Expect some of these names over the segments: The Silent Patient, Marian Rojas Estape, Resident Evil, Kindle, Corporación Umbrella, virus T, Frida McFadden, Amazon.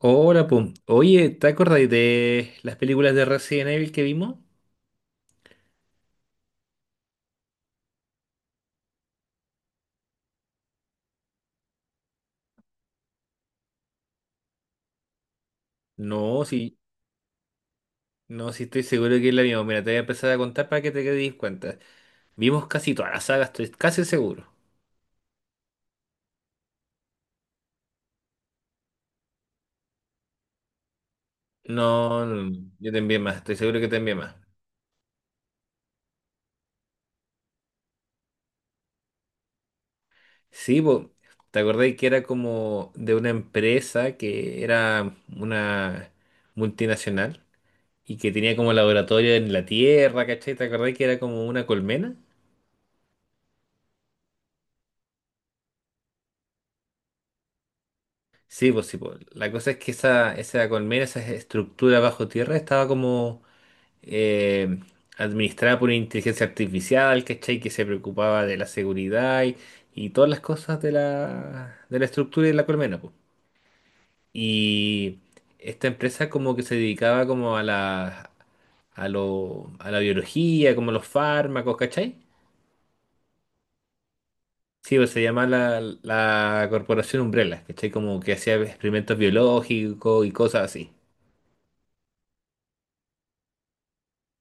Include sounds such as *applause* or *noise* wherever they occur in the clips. Hola, pum. Oye, ¿te acordáis de las películas de Resident Evil que vimos? No, sí, no, sí estoy seguro que la vimos. Mira, te voy a empezar a contar para que te quedes cuenta. Vimos casi toda la saga, estoy casi seguro. No, no, no, yo te envié más, estoy seguro que te envié más. Sí, po, ¿te acordáis que era como de una empresa que era una multinacional y que tenía como laboratorio en la Tierra? ¿Cachai? ¿Te acordáis que era como una colmena? Sí, pues sí, pues. La cosa es que esa colmena, esa estructura bajo tierra, estaba como eh, administrada por una inteligencia artificial, ¿cachai? Que se preocupaba de la seguridad y todas las cosas de la estructura y de la colmena, pues. Y esta empresa como que se dedicaba como a la biología, como los fármacos, ¿cachai? Sí, pues se llama la Corporación Umbrella, ¿cachai? Como que hacía experimentos biológicos y cosas así.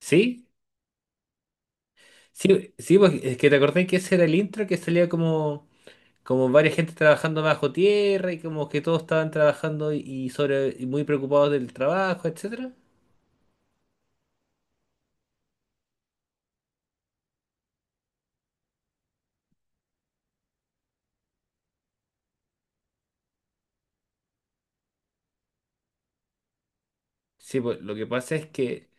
¿Sí? Sí, sí, pues es que te acordás que ese era el intro que salía como varias gente trabajando bajo tierra y como que todos estaban trabajando y sobre y muy preocupados del trabajo, etcétera. Sí, pues lo que pasa es que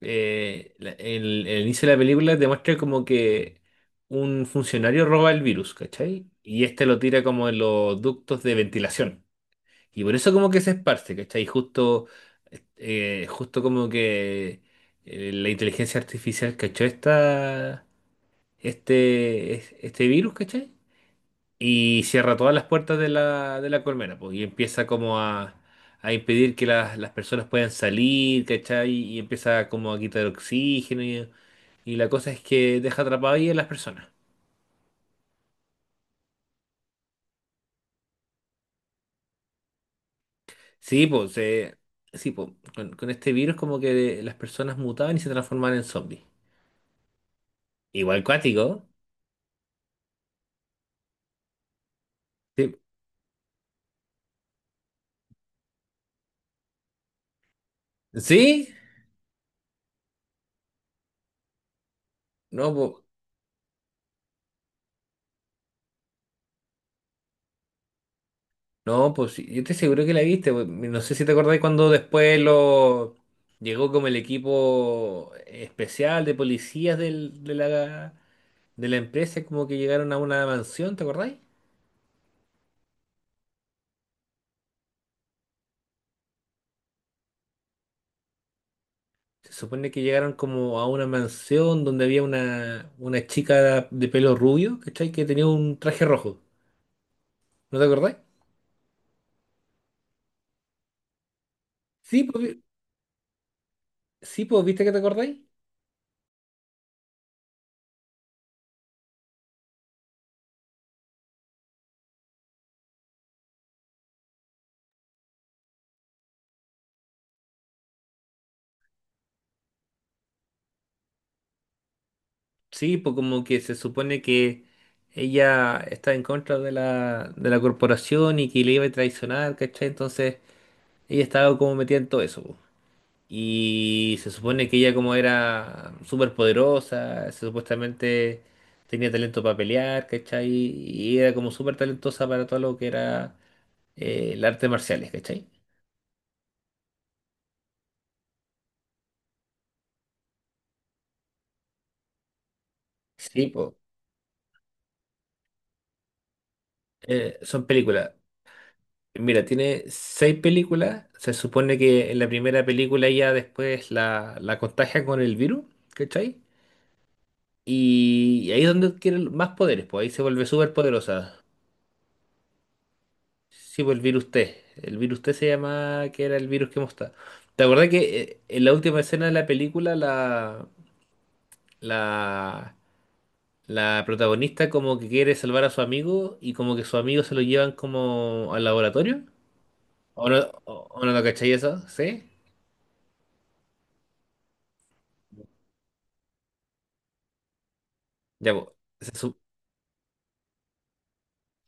el inicio de la película demuestra como que un funcionario roba el virus, ¿cachai? Y este lo tira como en los ductos de ventilación. Y por eso como que se esparce, ¿cachai? Y justo como que la inteligencia artificial cachó este virus, ¿cachai? Y cierra todas las puertas de la colmena, pues, y empieza como a impedir que las personas puedan salir, ¿cachai? Y empieza como a quitar oxígeno y la cosa es que deja atrapadas ahí a las personas. Sí, pues, eh, sí, pues, con este virus como que las personas mutaban y se transformaban en zombies. Igual cuático, sí. ¿Sí? No, pues. No, pues sí, yo estoy seguro que la viste, pues. No sé si te acordáis cuando después lo llegó como el equipo especial de policías de la empresa, como que llegaron a una mansión, ¿te acordáis? Se supone que llegaron como a una mansión donde había una chica de pelo rubio, ¿cachai? Que tenía un traje rojo. ¿No te acordáis? Sí, pues, vi- sí, pues, ¿viste que te acordáis? Sí, pues como que se supone que ella está en contra de la corporación y que le iba a traicionar, ¿cachai? Entonces ella estaba como metida en todo eso, po. Y se supone que ella como era súper poderosa, supuestamente tenía talento para pelear, ¿cachai? Y era como súper talentosa para todo lo que era el arte marciales, ¿cachai? Sí, pues, son películas. Mira, tiene seis películas. Se supone que en la primera película ya después la contagia con el virus, ¿cachai? Y ahí es donde adquiere más poderes, pues ahí se vuelve súper poderosa. Sí, pues el virus T. El virus T se llama, que era el virus que mostraba. ¿Te acordás que en la última escena de la película la, la protagonista como que quiere salvar a su amigo y como que su amigo se lo llevan como al laboratorio? ¿O no, o no, cachai eso? ¿Sí? Ya, pues.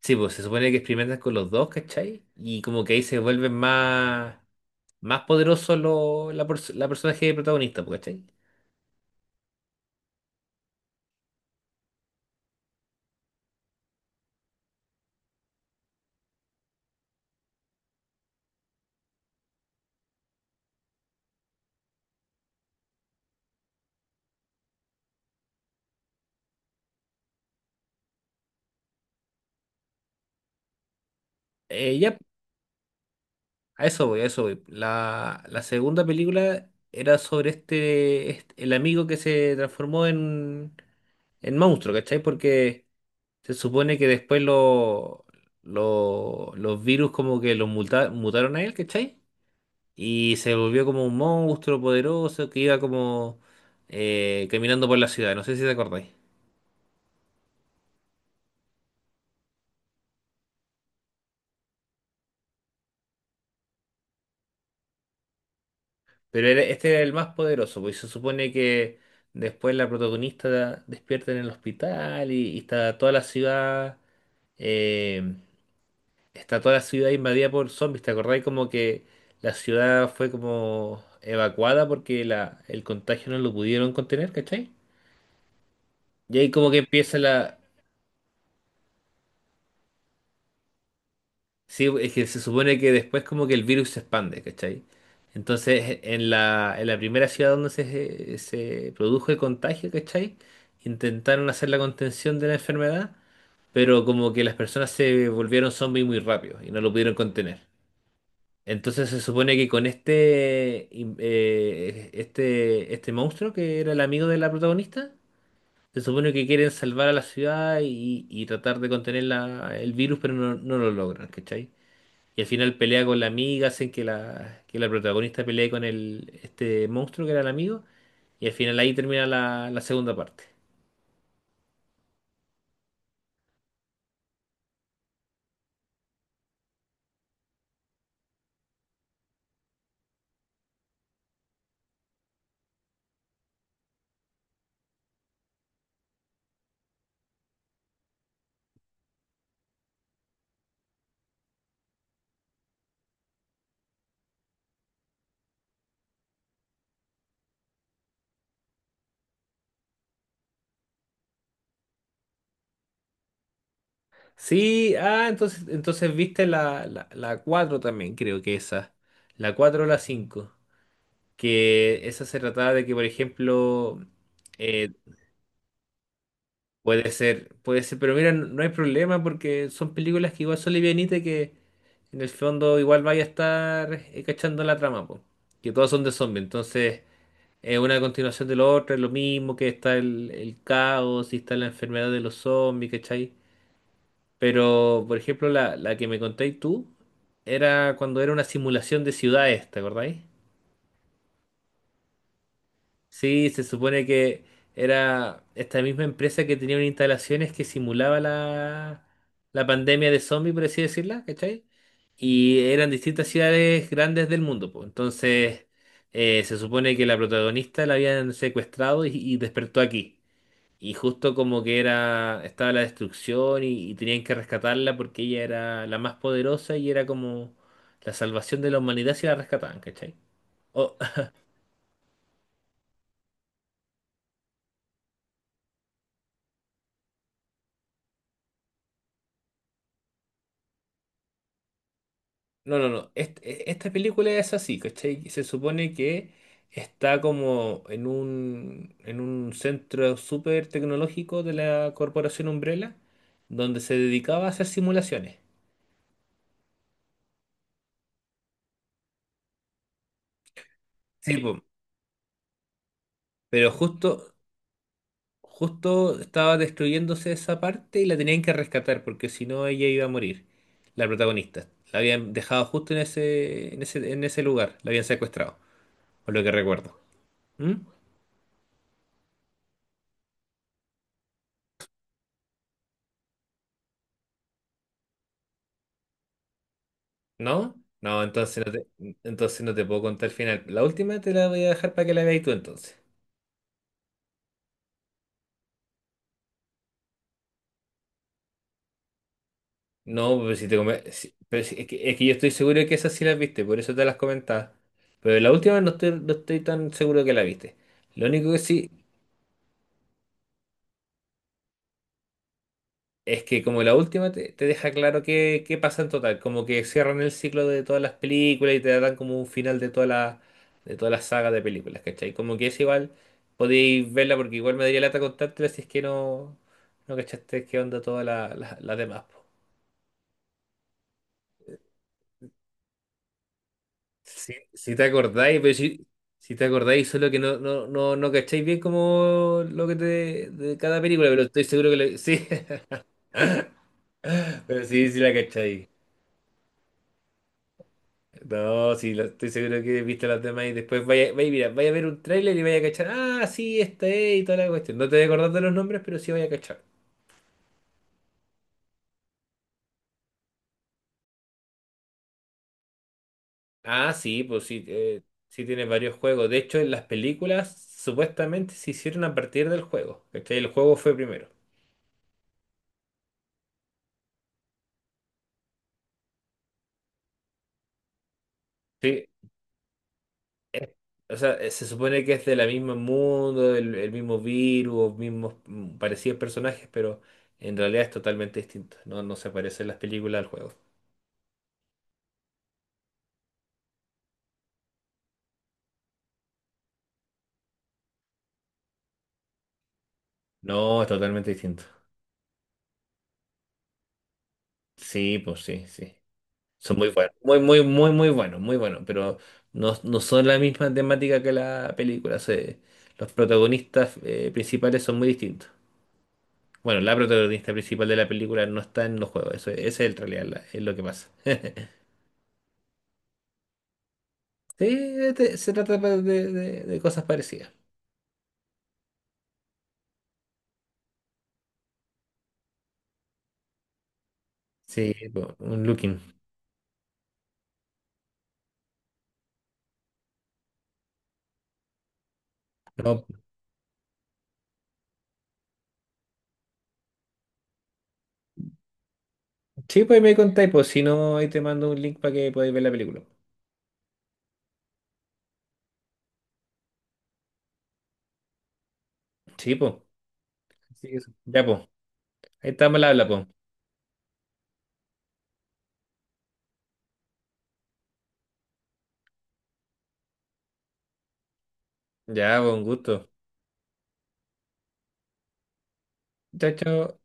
Sí, pues se supone que experimentan con los dos, ¿cachai? Y como que ahí se vuelven más poderosos la personaje protagonista, pues, ¿cachai? Ya, a eso voy, a eso voy. La segunda película era sobre el amigo que se transformó en monstruo, ¿cachai? Porque se supone que después los virus como que los mutaron a él, ¿cachai? Y se volvió como un monstruo poderoso que iba como caminando por la ciudad. No sé si te acordáis. Pero este era el más poderoso, pues se supone que después la protagonista despierta en el hospital y está toda la ciudad. Eh, está toda la ciudad invadida por zombies. ¿Te acordáis como que la ciudad fue como evacuada porque el contagio no lo pudieron contener? ¿Cachai? Y ahí como que empieza la... Sí, es que se supone que después como que el virus se expande, ¿cachai? Entonces, en la primera ciudad donde se produjo el contagio, ¿cachai? Intentaron hacer la contención de la enfermedad, pero como que las personas se volvieron zombies muy rápido y no lo pudieron contener. Entonces se supone que con este monstruo que era el amigo de la protagonista, se supone que quieren salvar a la ciudad y tratar de contener el virus, pero no, no lo logran, ¿cachai? Y al final pelea con la amiga, hacen que la protagonista pelee con este monstruo que era el amigo. Y al final ahí termina la segunda parte. Sí, ah, entonces viste la 4 también, creo que esa. La 4 o la cinco. Que esa se trataba de que, por ejemplo, eh, puede ser, pero mira, no no hay problema porque son películas que igual son livianitas y que en el fondo igual vaya a estar cachando la trama, po. Que todas son de zombies, entonces es una continuación de lo otro, es lo mismo que está el caos y está la enfermedad de los zombies, ¿cachai? Pero, por ejemplo, la que me contéis tú era cuando era una simulación de ciudades, ¿te acordáis? Sí, se supone que era esta misma empresa que tenía unas instalaciones que simulaba la pandemia de zombies, por así decirla, ¿cachai? Y eran distintas ciudades grandes del mundo, pues. Entonces, se supone que la protagonista la habían secuestrado y despertó aquí. Y justo como que era, estaba la destrucción y tenían que rescatarla porque ella era la más poderosa y era como la salvación de la humanidad si la rescataban, ¿cachai? O- *laughs* no, no, no. Esta película es así, ¿cachai? Se supone que está como en un centro súper tecnológico de la Corporación Umbrella, donde se dedicaba a hacer simulaciones. Sí, po. Pero justo estaba destruyéndose esa parte y la tenían que rescatar porque si no ella iba a morir, la protagonista. La habían dejado justo en ese lugar, la habían secuestrado, por lo que recuerdo. ¿Mm? ¿No? No, entonces no te puedo contar el final. La última te la voy a dejar para que la veas tú entonces. No, pero si te come- si- pero si- es que, yo estoy seguro que esas sí las viste, por eso te las comentaba. Pero la última no estoy, no estoy tan seguro que la viste. Lo único que sí... Es que como la última te deja claro qué pasa en total, como que cierran el ciclo de todas las películas y te dan como un final de toda la saga de películas, ¿cachai? Como que es igual, podéis verla porque igual me daría lata contártela si es que no, no cachaste qué onda todas las demás, po. Si, si te acordáis, pero si, si te acordáis, solo que no, no, no, no cacháis bien como lo que te de cada película, pero estoy seguro que sí. *laughs* Pero sí, sí la cacháis. No, sí, estoy seguro que viste las demás y después vaya, mira, vaya a ver un tráiler y vaya a cachar, ah, sí, esta es y toda la cuestión. No te voy a acordar de los nombres, pero sí vaya a cachar. Ah, sí, pues sí, sí tiene varios juegos. De hecho, en las películas supuestamente se hicieron a partir del juego, ¿cachai? El juego fue primero. Sí, o sea, se supone que es del mismo mundo, el mismo virus, mismos parecidos personajes, pero en realidad es totalmente distinto. No, no se parece en las películas al juego. No, es totalmente distinto. Sí, pues sí, sí. Son muy buenos, muy, muy, muy, muy buenos, pero no, no son la misma temática que la película. Se- los protagonistas principales son muy distintos. Bueno, la protagonista principal de la película no está en los juegos, eso, ese es el realidad, es lo que pasa. *laughs* Sí, se trata de, de cosas parecidas. Sí, po, un looking. No, sí, pues ahí me contáis, pues si no, ahí te mando un link para que podáis ver la película. Sí, pues. Ya, pues. Ahí estamos al habla, pues. Ya, pues, un gusto. Chao, chao.